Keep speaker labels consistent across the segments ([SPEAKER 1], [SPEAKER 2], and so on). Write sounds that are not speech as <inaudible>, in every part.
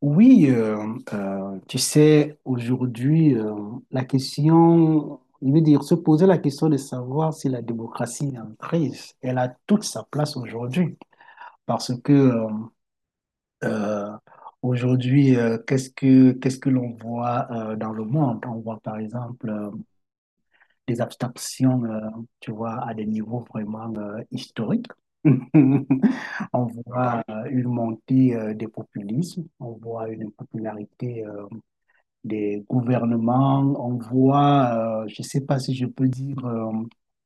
[SPEAKER 1] Oui, tu sais, aujourd'hui, la question, je veux dire, se poser la question de savoir si la démocratie est en crise, elle a toute sa place aujourd'hui. Parce que euh, aujourd'hui, qu'est-ce que l'on voit dans le monde? On voit par exemple des abstractions, tu vois, à des niveaux vraiment historiques. <laughs> On voit une montée des populismes, on voit une popularité des gouvernements, on voit, je ne sais pas si je peux dire,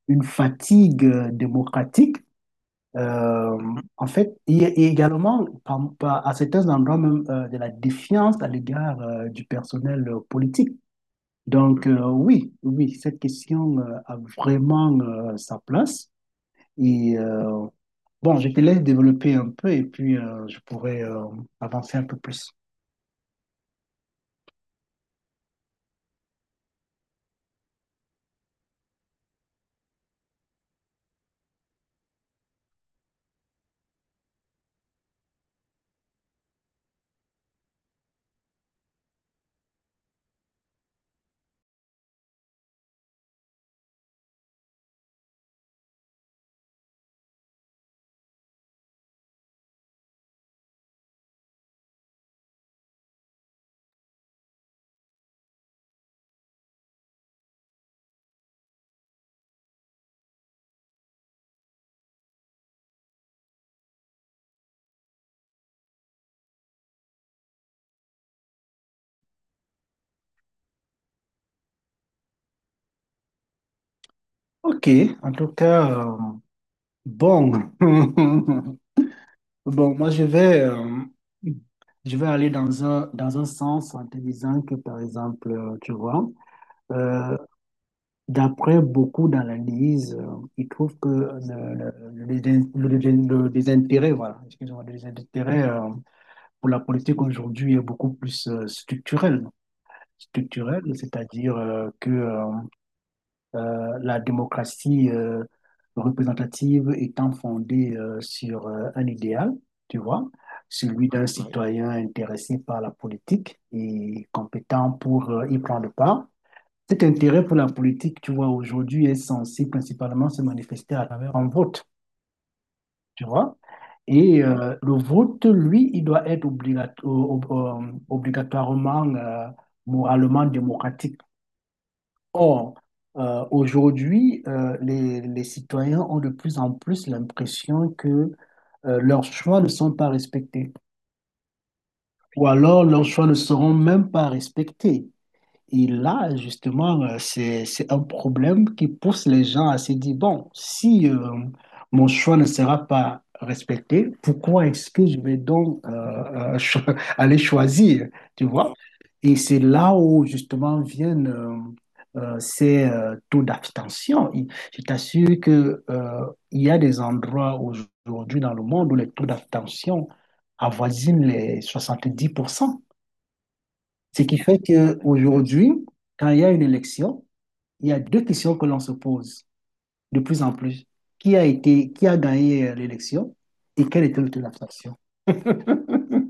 [SPEAKER 1] une fatigue démocratique. Euh, En fait, il y a également à certains endroits même de la défiance à l'égard du personnel politique. Donc oui, oui, cette question a vraiment sa place. Et euh, bon, je te laisse développer un peu et puis je pourrais avancer un peu plus. Ok, en tout cas, bon. <laughs> Bon, moi, je vais aller dans dans un sens en te disant que, par exemple, tu vois, euh, d'après beaucoup d'analyses, ils trouvent que le désintérêt, voilà, excusez-moi, le désintérêt pour la politique aujourd'hui est beaucoup plus structurel. Structurel, c'est-à-dire que la démocratie représentative étant fondée sur un idéal, tu vois, celui d'un citoyen intéressé par la politique et compétent pour y prendre part. Cet intérêt pour la politique, tu vois, aujourd'hui est censé principalement se manifester à travers un vote, tu vois. Le vote, lui, il doit être obligatoirement, moralement démocratique. Or, aujourd'hui, les citoyens ont de plus en plus l'impression que leurs choix ne sont pas respectés, ou alors leurs choix ne seront même pas respectés. Et là, justement, c'est un problème qui pousse les gens à se dire, bon, si mon choix ne sera pas respecté, pourquoi est-ce que je vais donc euh, cho- <laughs> aller choisir, tu vois? Et c'est là où, justement, viennent ces taux d'abstention. Je t'assure que, il y a des endroits aujourd'hui dans le monde où les taux d'abstention avoisinent les 70%, ce qui fait qu'aujourd'hui, quand il y a une élection, il y a deux questions que l'on se pose de plus en plus. Qui a gagné l'élection et quelle était l'autre faction? <laughs>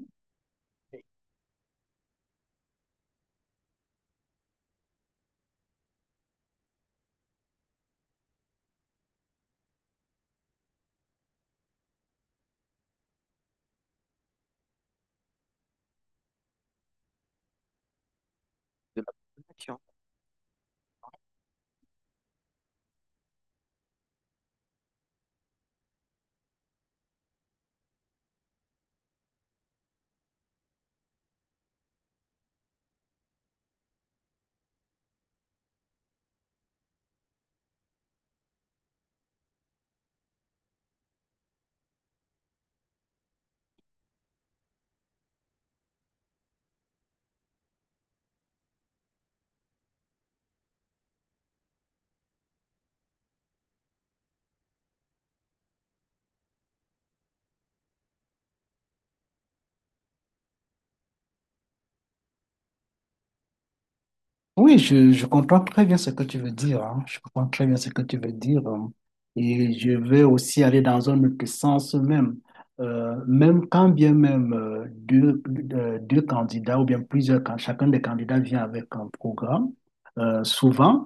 [SPEAKER 1] Oui, je comprends très bien ce que tu veux dire, hein. Je comprends très bien ce que tu veux dire, hein. Et je vais aussi aller dans un autre sens même. Même quand bien même deux candidats ou bien plusieurs, quand chacun des candidats vient avec un programme, souvent,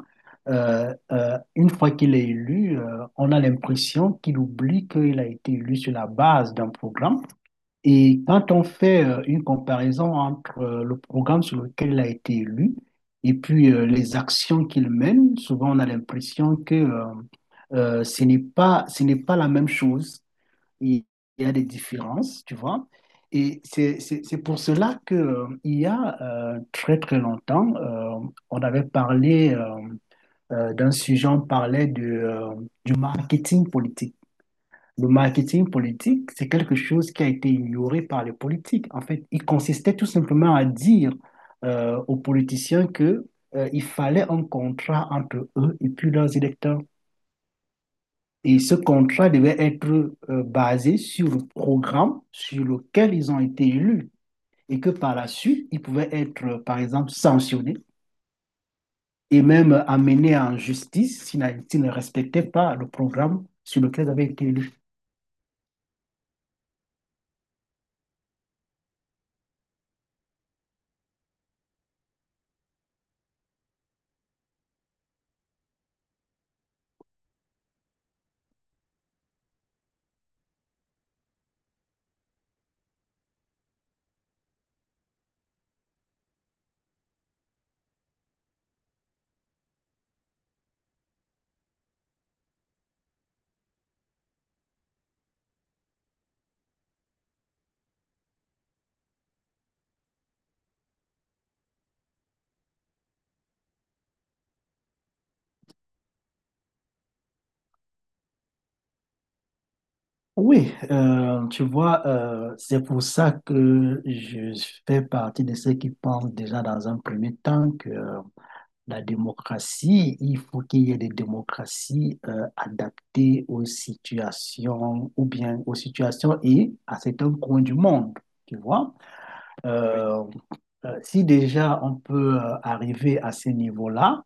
[SPEAKER 1] une fois qu'il est élu, on a l'impression qu'il oublie qu'il a été élu sur la base d'un programme et quand on fait une comparaison entre le programme sur lequel il a été élu et puis les actions qu'il mène, souvent on a l'impression que ce n'est pas la même chose. Il y a des différences, tu vois. C'est pour cela que, il y a très très longtemps, on avait parlé d'un sujet, on parlait du marketing politique. Le marketing politique, c'est quelque chose qui a été ignoré par les politiques. En fait, il consistait tout simplement à dire aux politiciens que il fallait un contrat entre eux et puis leurs électeurs. Et ce contrat devait être basé sur le programme sur lequel ils ont été élus et que par la suite, ils pouvaient être, par exemple, sanctionnés et même amenés en justice s'ils ne respectaient pas le programme sur lequel ils avaient été élus. Oui, tu vois, c'est pour ça que je fais partie de ceux qui pensent déjà dans un premier temps que la démocratie, il faut qu'il y ait des démocraties adaptées aux situations ou bien aux situations et à certains coins du monde, tu vois. Oui. Si déjà on peut arriver à ce niveau-là,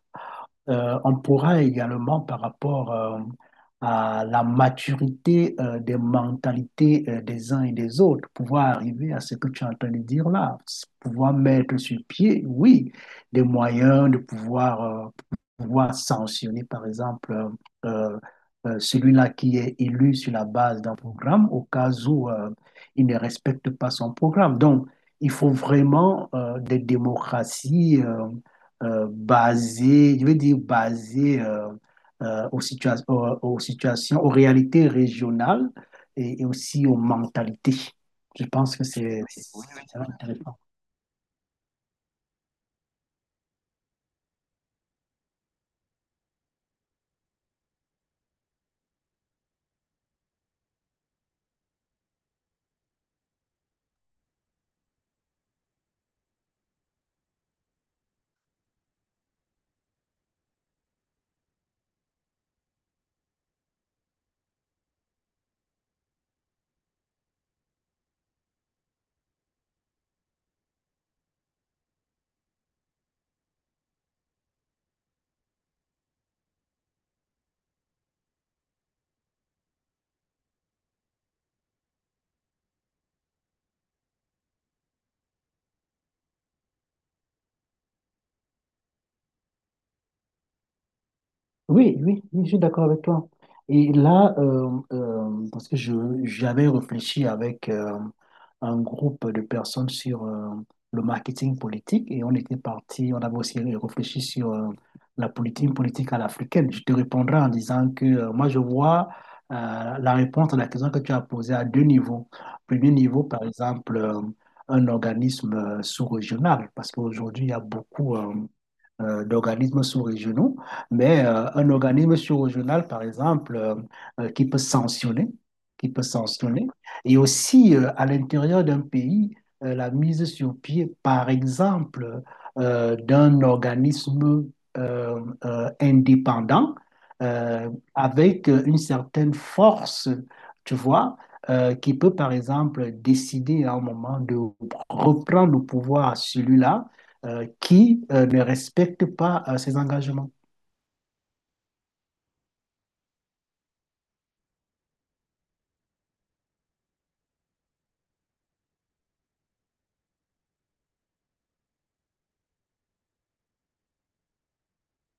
[SPEAKER 1] on pourra également, par rapport à la maturité des mentalités des uns et des autres, pouvoir arriver à ce que tu es en train de dire là, pouvoir mettre sur pied, oui, des moyens de pouvoir, pouvoir sanctionner, par exemple, euh, celui-là qui est élu sur la base d'un programme au cas où il ne respecte pas son programme. Donc, il faut vraiment des démocraties, basé, je veux dire basé aux situations, aux réalités régionales et aussi aux mentalités. Je pense que c'est oui, c'est intéressant. Oui, oui, oui, je suis d'accord avec toi. Et là, parce que je j'avais réfléchi avec un groupe de personnes sur le marketing politique et on était parti, on avait aussi réfléchi sur la politique politique à l'africaine. Je te répondrai en disant que moi, je vois euh, la réponse à la question que tu as posée à deux niveaux. Premier niveau, par exemple, un organisme sous-régional, parce qu'aujourd'hui, il y a beaucoup d'organismes sous-régionaux, mais un organisme sous-régional, par exemple, euh, qui peut sanctionner, qui peut sanctionner, et aussi à l'intérieur d'un pays, la mise sur pied, par exemple, d'un organisme indépendant euh, avec une certaine force, tu vois, qui peut, par exemple, décider à un moment de reprendre le pouvoir à celui-là qui ne respectent pas ces engagements.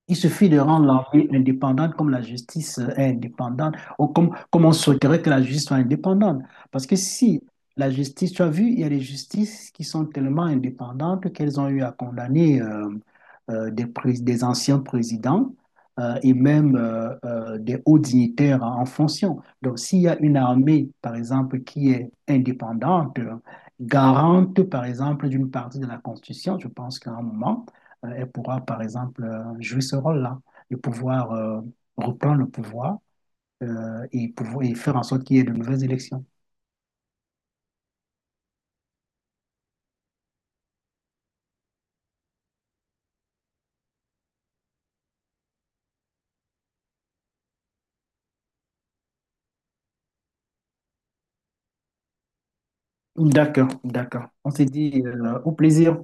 [SPEAKER 1] Il suffit de rendre l'armée indépendante comme la justice est indépendante, ou comme, comme on souhaiterait que la justice soit indépendante. Parce que si la justice, tu as vu, il y a des justices qui sont tellement indépendantes qu'elles ont eu à condamner des anciens présidents et même des hauts dignitaires en en fonction. Donc, s'il y a une armée, par exemple, qui est indépendante, garante, par exemple, d'une partie de la Constitution, je pense qu'à un moment, elle pourra, par exemple, jouer ce rôle-là et pouvoir reprendre le pouvoir pouvoir et faire en sorte qu'il y ait de nouvelles élections. D'accord, d'accord. On s'est dit au plaisir.